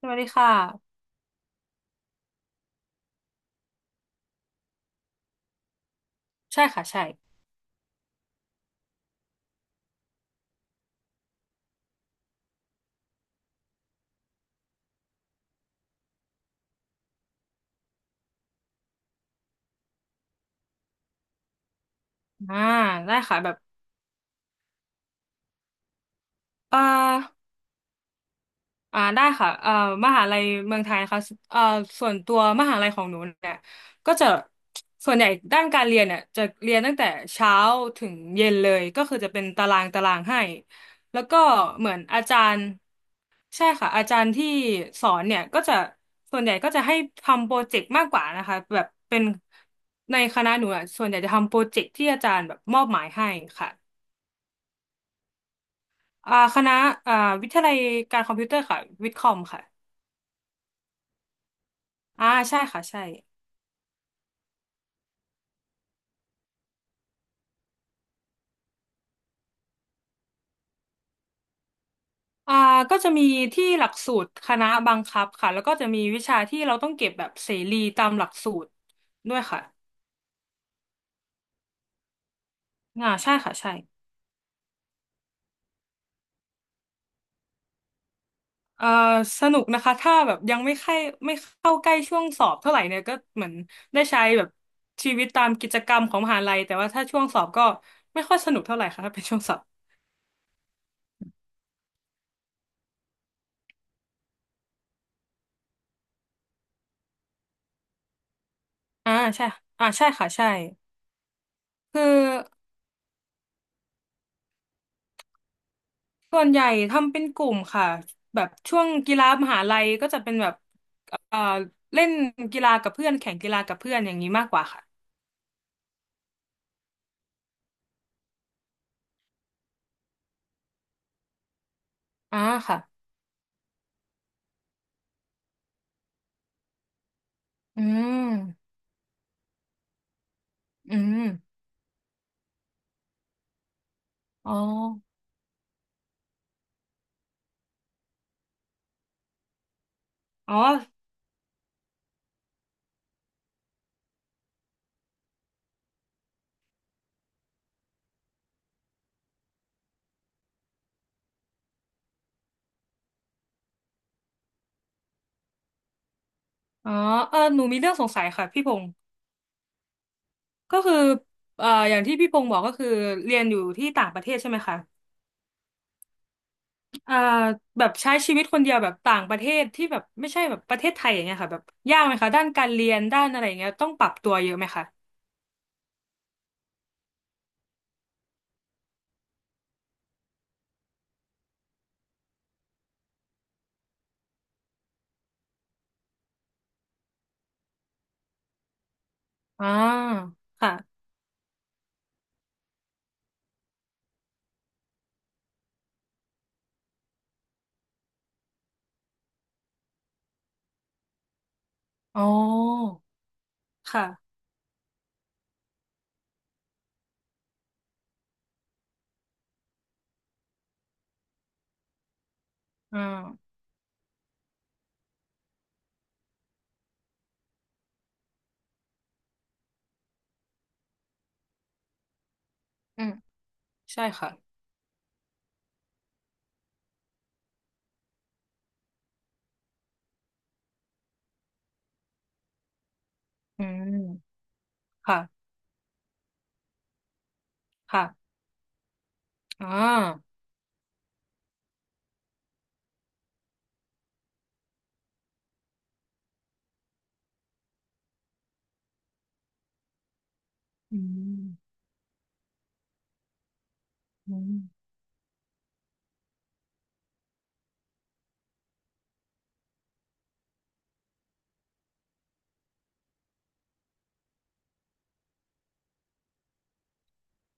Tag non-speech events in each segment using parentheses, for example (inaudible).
สวัสดีค่ะใช่ค่ะใช่อ่าได้ค่ะแบบเอ่ออ่าได้ค่ะมหาลัยเมืองไทยนะคะเอ่อส่วนตัวมหาลัยของหนูเนี่ยก็จะส่วนใหญ่ด้านการเรียนเนี่ยจะเรียนตั้งแต่เช้าถึงเย็นเลยก็คือจะเป็นตารางให้แล้วก็เหมือนอาจารย์ใช่ค่ะอาจารย์ที่สอนเนี่ยก็จะส่วนใหญ่ก็จะให้ทำโปรเจกต์มากกว่านะคะแบบเป็นในคณะหนูอะส่วนใหญ่จะทำโปรเจกต์ที่อาจารย์แบบมอบหมายให้ค่ะ อ่าคณะอ่าวิทยาลัยการคอมพิวเตอร์ค่ะวิทย์คอมค่ะอ่าใช่ค่ะใช่อ่าก็จะมีที่หลักสูตรคณะบังคับค่ะแล้วก็จะมีวิชาที่เราต้องเก็บแบบเสรีตามหลักสูตรด้วยค่ะอ่าใช่ค่ะใช่เอ่อสนุกนะคะถ้าแบบยังไม่ใกล้ไม่เข้าใกล้ช่วงสอบเท่าไหร่เนี่ยก็เหมือนได้ใช้แบบชีวิตตามกิจกรรมของมหาลัยแต่ว่าถ้าช่วงสอบก็ไม่ค่อยสนุกเท่าไหร่ค่ะถ้าเป็นช่วงสอบอ่าใช่อ่าใช่ค่ะใช่คือ ส่วนใหญ่ทำเป็นกลุ่มค่ะแบบช่วงกีฬามหาลัยก็จะเป็นแบบเอ่อเล่นกีฬากับเพื่อนแข่งกีฬากับเพื่อนอย่างนี้มากกว่าค่ะอ่าค่ะอืมอืมอ๋ออ๋ออ๋อเออหนูมีเรื่องสงสัยค่ะพี่พงศ์ก็คืออย่างที่พี่พงศ์บอกก็คือเรียนอยู่ที่ต่างประเทศใช่ไหมคะเอ่อแบบใช้ชีวิตคนเดียวแบบต่างประเทศที่แบบไม่ใช่แบบประเทศไทยอย่างเงี้ยค่ะแบบยากไหมคะด้านการเรียนด้านอะไรอย่างเงี้ยต้องปรับตัวเยอะไหมคะอ่าค่ะ อ๋อค่ะอ่าอืมใช่ค่ะ อืมค่ะค่ะอ่าอืมอืม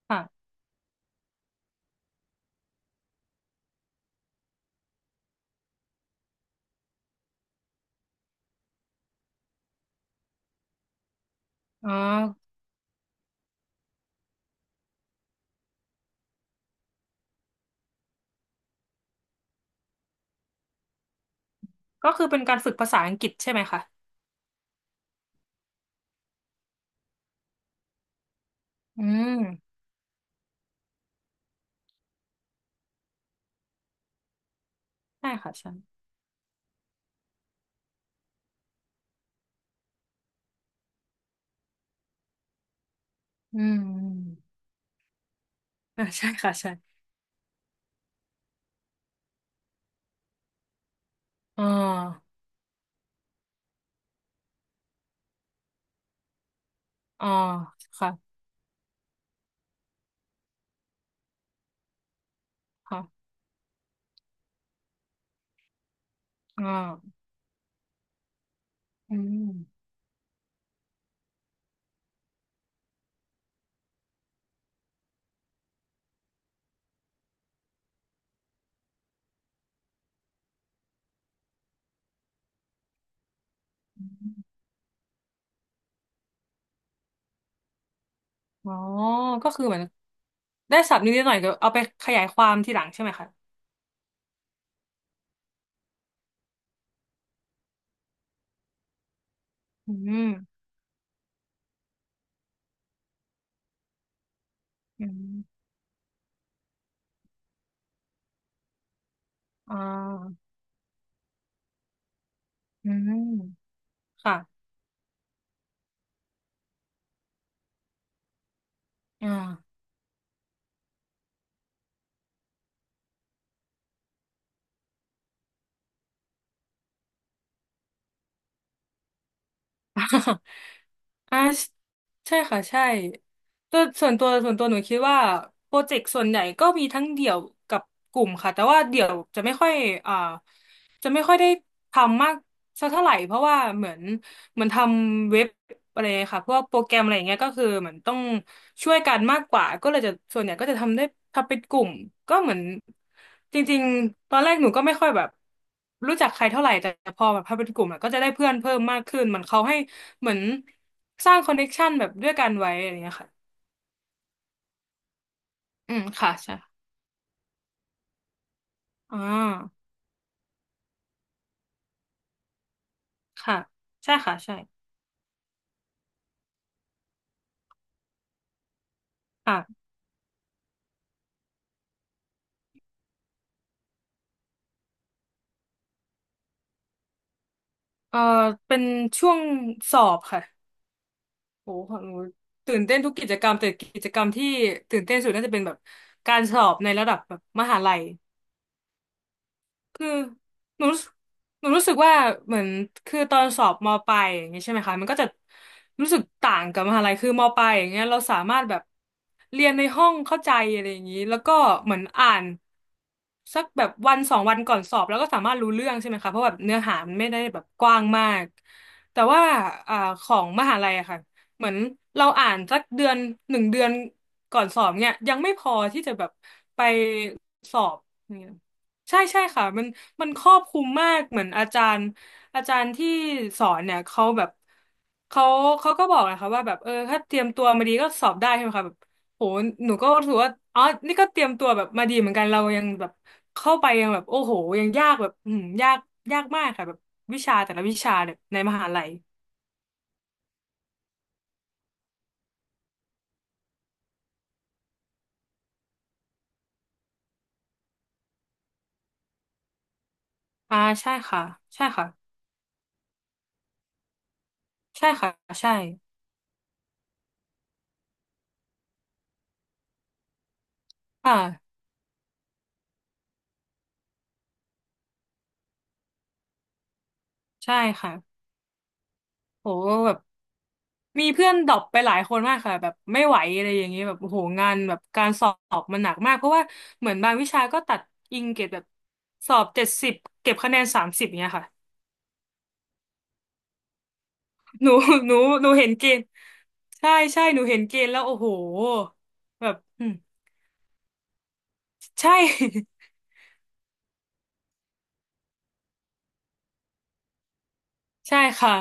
ค่ะอ่าก็คือเป็นการฝึกภาษาอังกฤษใช่ไหมคะอืมใช่ค่ะใช่ อืมอ่าใช่ค่ะใช่อ่าอ่าค่ะค่ะอ่าอืมอ๋อก็คือเหมือนได้ศัพท์นิดๆหน่อยๆเดี๋ยวเอาไปขยายความทีหลังใช่ไหมคะอืมอืมอ่าอืมค่ะอ่า (laughs) อ่าใช่ค่ะใช่แต่ส่วนตัวหนูคิดว่าโปรเจกต์ส่วนใหญ่ก็มีทั้งเดี่ยวกับกลุ่มค่ะแต่ว่าเดี่ยวจะไม่ค่อยอ่าจะไม่ค่อยได้ทำมากสักเท่าไหร่เพราะว่าเหมือนทำเว็บอะไรค่ะพวกโปรแกรมอะไรอย่างเงี้ยก็คือเหมือนต้องช่วยกันมากกว่าก็เลยจะส่วนใหญ่ก็จะทำได้ทำเป็นกลุ่มก็เหมือนจริงๆตอนแรกหนูก็ไม่ค่อยแบบรู้จักใครเท่าไหร่แต่พอแบบพอเป็นกลุ่มอะก็จะได้เพื่อนเพิ่มมากขึ้นมันเขาให้ เหมือนสร้างคอนเนคชันแบบด้วยกันไว้อะไรเงี้ยค่ะอืม ค่ะใช่อ่าค่ะใช่ค่ะใช่ค่ะเอ่อเป็นช่วงสอบค่ะโหของหนูตื่นเต้นทุกกิจกรรม แต่กิจกรรมที่ตื่นเต้นสุดน่าจะเป็นแบบการสอบในระดับแบบมหาลัย คือหนูรู้สึกหนูรู้สึกว่าเหมือนคือตอนสอบมปลายอย่างเงี้ยใช่ไหมคะมันก็จะรู้สึกต่างกับมหาลัยคือมปลายอย่างเงี้ยเราสามารถแบบเรียนในห้องเข้าใจอะไรอย่างงี้แล้วก็เหมือนอ่านสักแบบวันสองวันก่อนสอบแล้วก็สามารถรู้เรื่องใช่ไหมคะเพราะแบบเนื้อหามันไม่ได้แบบกว้างมากแต่ว่าอ่าของมหาลัยอะค่ะเหมือนเราอ่านสักเดือนหนึ่งเดือนก่อนสอบเนี่ยยังไม่พอที่จะแบบไปสอบ ใช่ใช่ค่ะมันครอบคลุมมากเหมือนอาจารย์ที่สอนเนี่ยเขาแบบเขาเขาก็บอกนะคะว่าแบบเออถ้าเตรียมตัวมาดีก็สอบได้ใช่ไหมคะแบบโหหนูก็รู้สึกว่าอ๋อนี่ก็เตรียมตัวแบบมาดีเหมือนกันเรายังแบบเข้าไปยังแบบโอ้โหยังยากแบบอืมยากยากมากค่ะแบบวิชาแต่ละวิชาเนี่ยในมหาลัยอ่าใช่ค่ะใช่ค่ะใช่ค่ะใช่อ่าใช่ค่ะโห มีเพื่อนดรอปไปหลายคนมากค่ะแบบไม่ไหวอะไรอย่างเงี้ยแบบโอ้โหงานแบบการสอบมันหนักมากเพราะว่าเหมือนบางวิชาก็ตัดอิงเกรดแบบสอบเจ็ดสิบเก็บคะแนนสามสิบเนี้ยค่ะ (laughs) หนูหนูหนูเห็นเกณฑ์ใช่ใช่หนูเห็นเกณฑ์แล้วโอ้โหแบบอืมใช่ (laughs) ใช่ค่ะ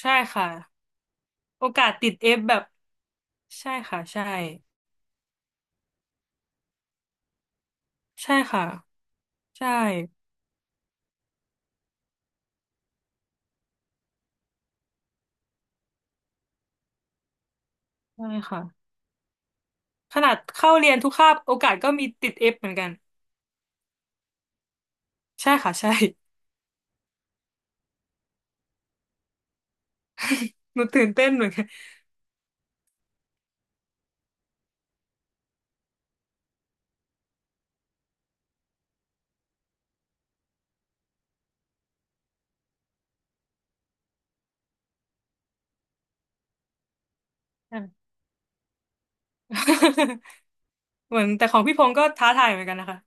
ใช่ค่ะโอกาสติดเอฟแบบใช่ค่ะใช่ใช่ค่ะใช่ใช่ค่ะขนาดเข้าเรียนทุกคาบโอกาสก็มีติดเอฟเหมือนกันใช่ค่ะใช่ หนูตื่นเต้นเหมือนกันอม (laughs) เหมือนแต่ของพี่พงศ์ก็ท้าทายเหมือนกันนะคะ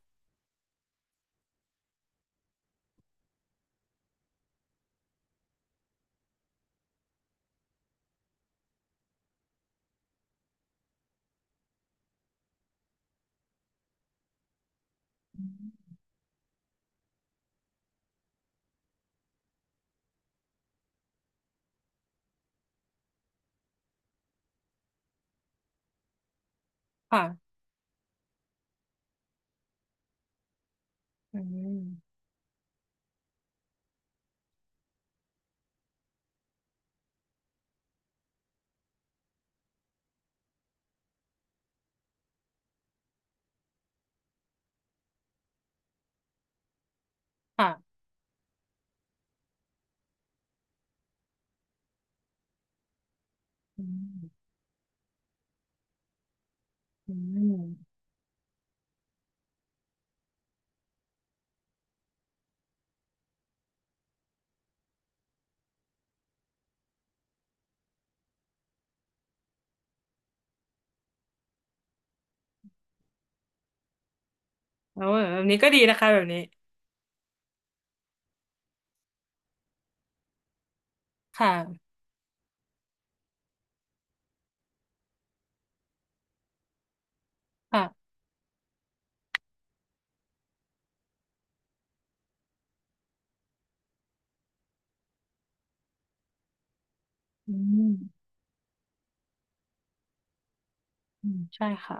ค่ะอืมค่ะอืมอืมเแบบนี้ก็ดีนะคะแบบนี้ค่ะค่ะอืมอืมใช่ค่ะ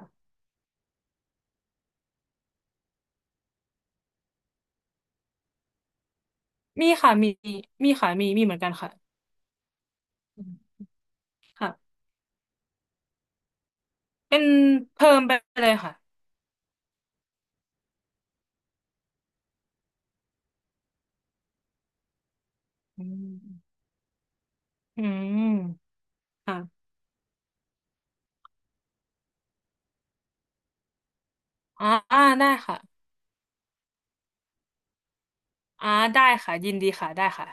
มีค่ะมีมีค่ะมีมีเหมือนกันค่ะอืมค่ะ เป็นเพิ่มไปเลยค่ะอืมอืมค่ะอ่าอ่าได้ค่ะอ่าได้ค่ะ ยินดีค่ะ ได้ค่ะ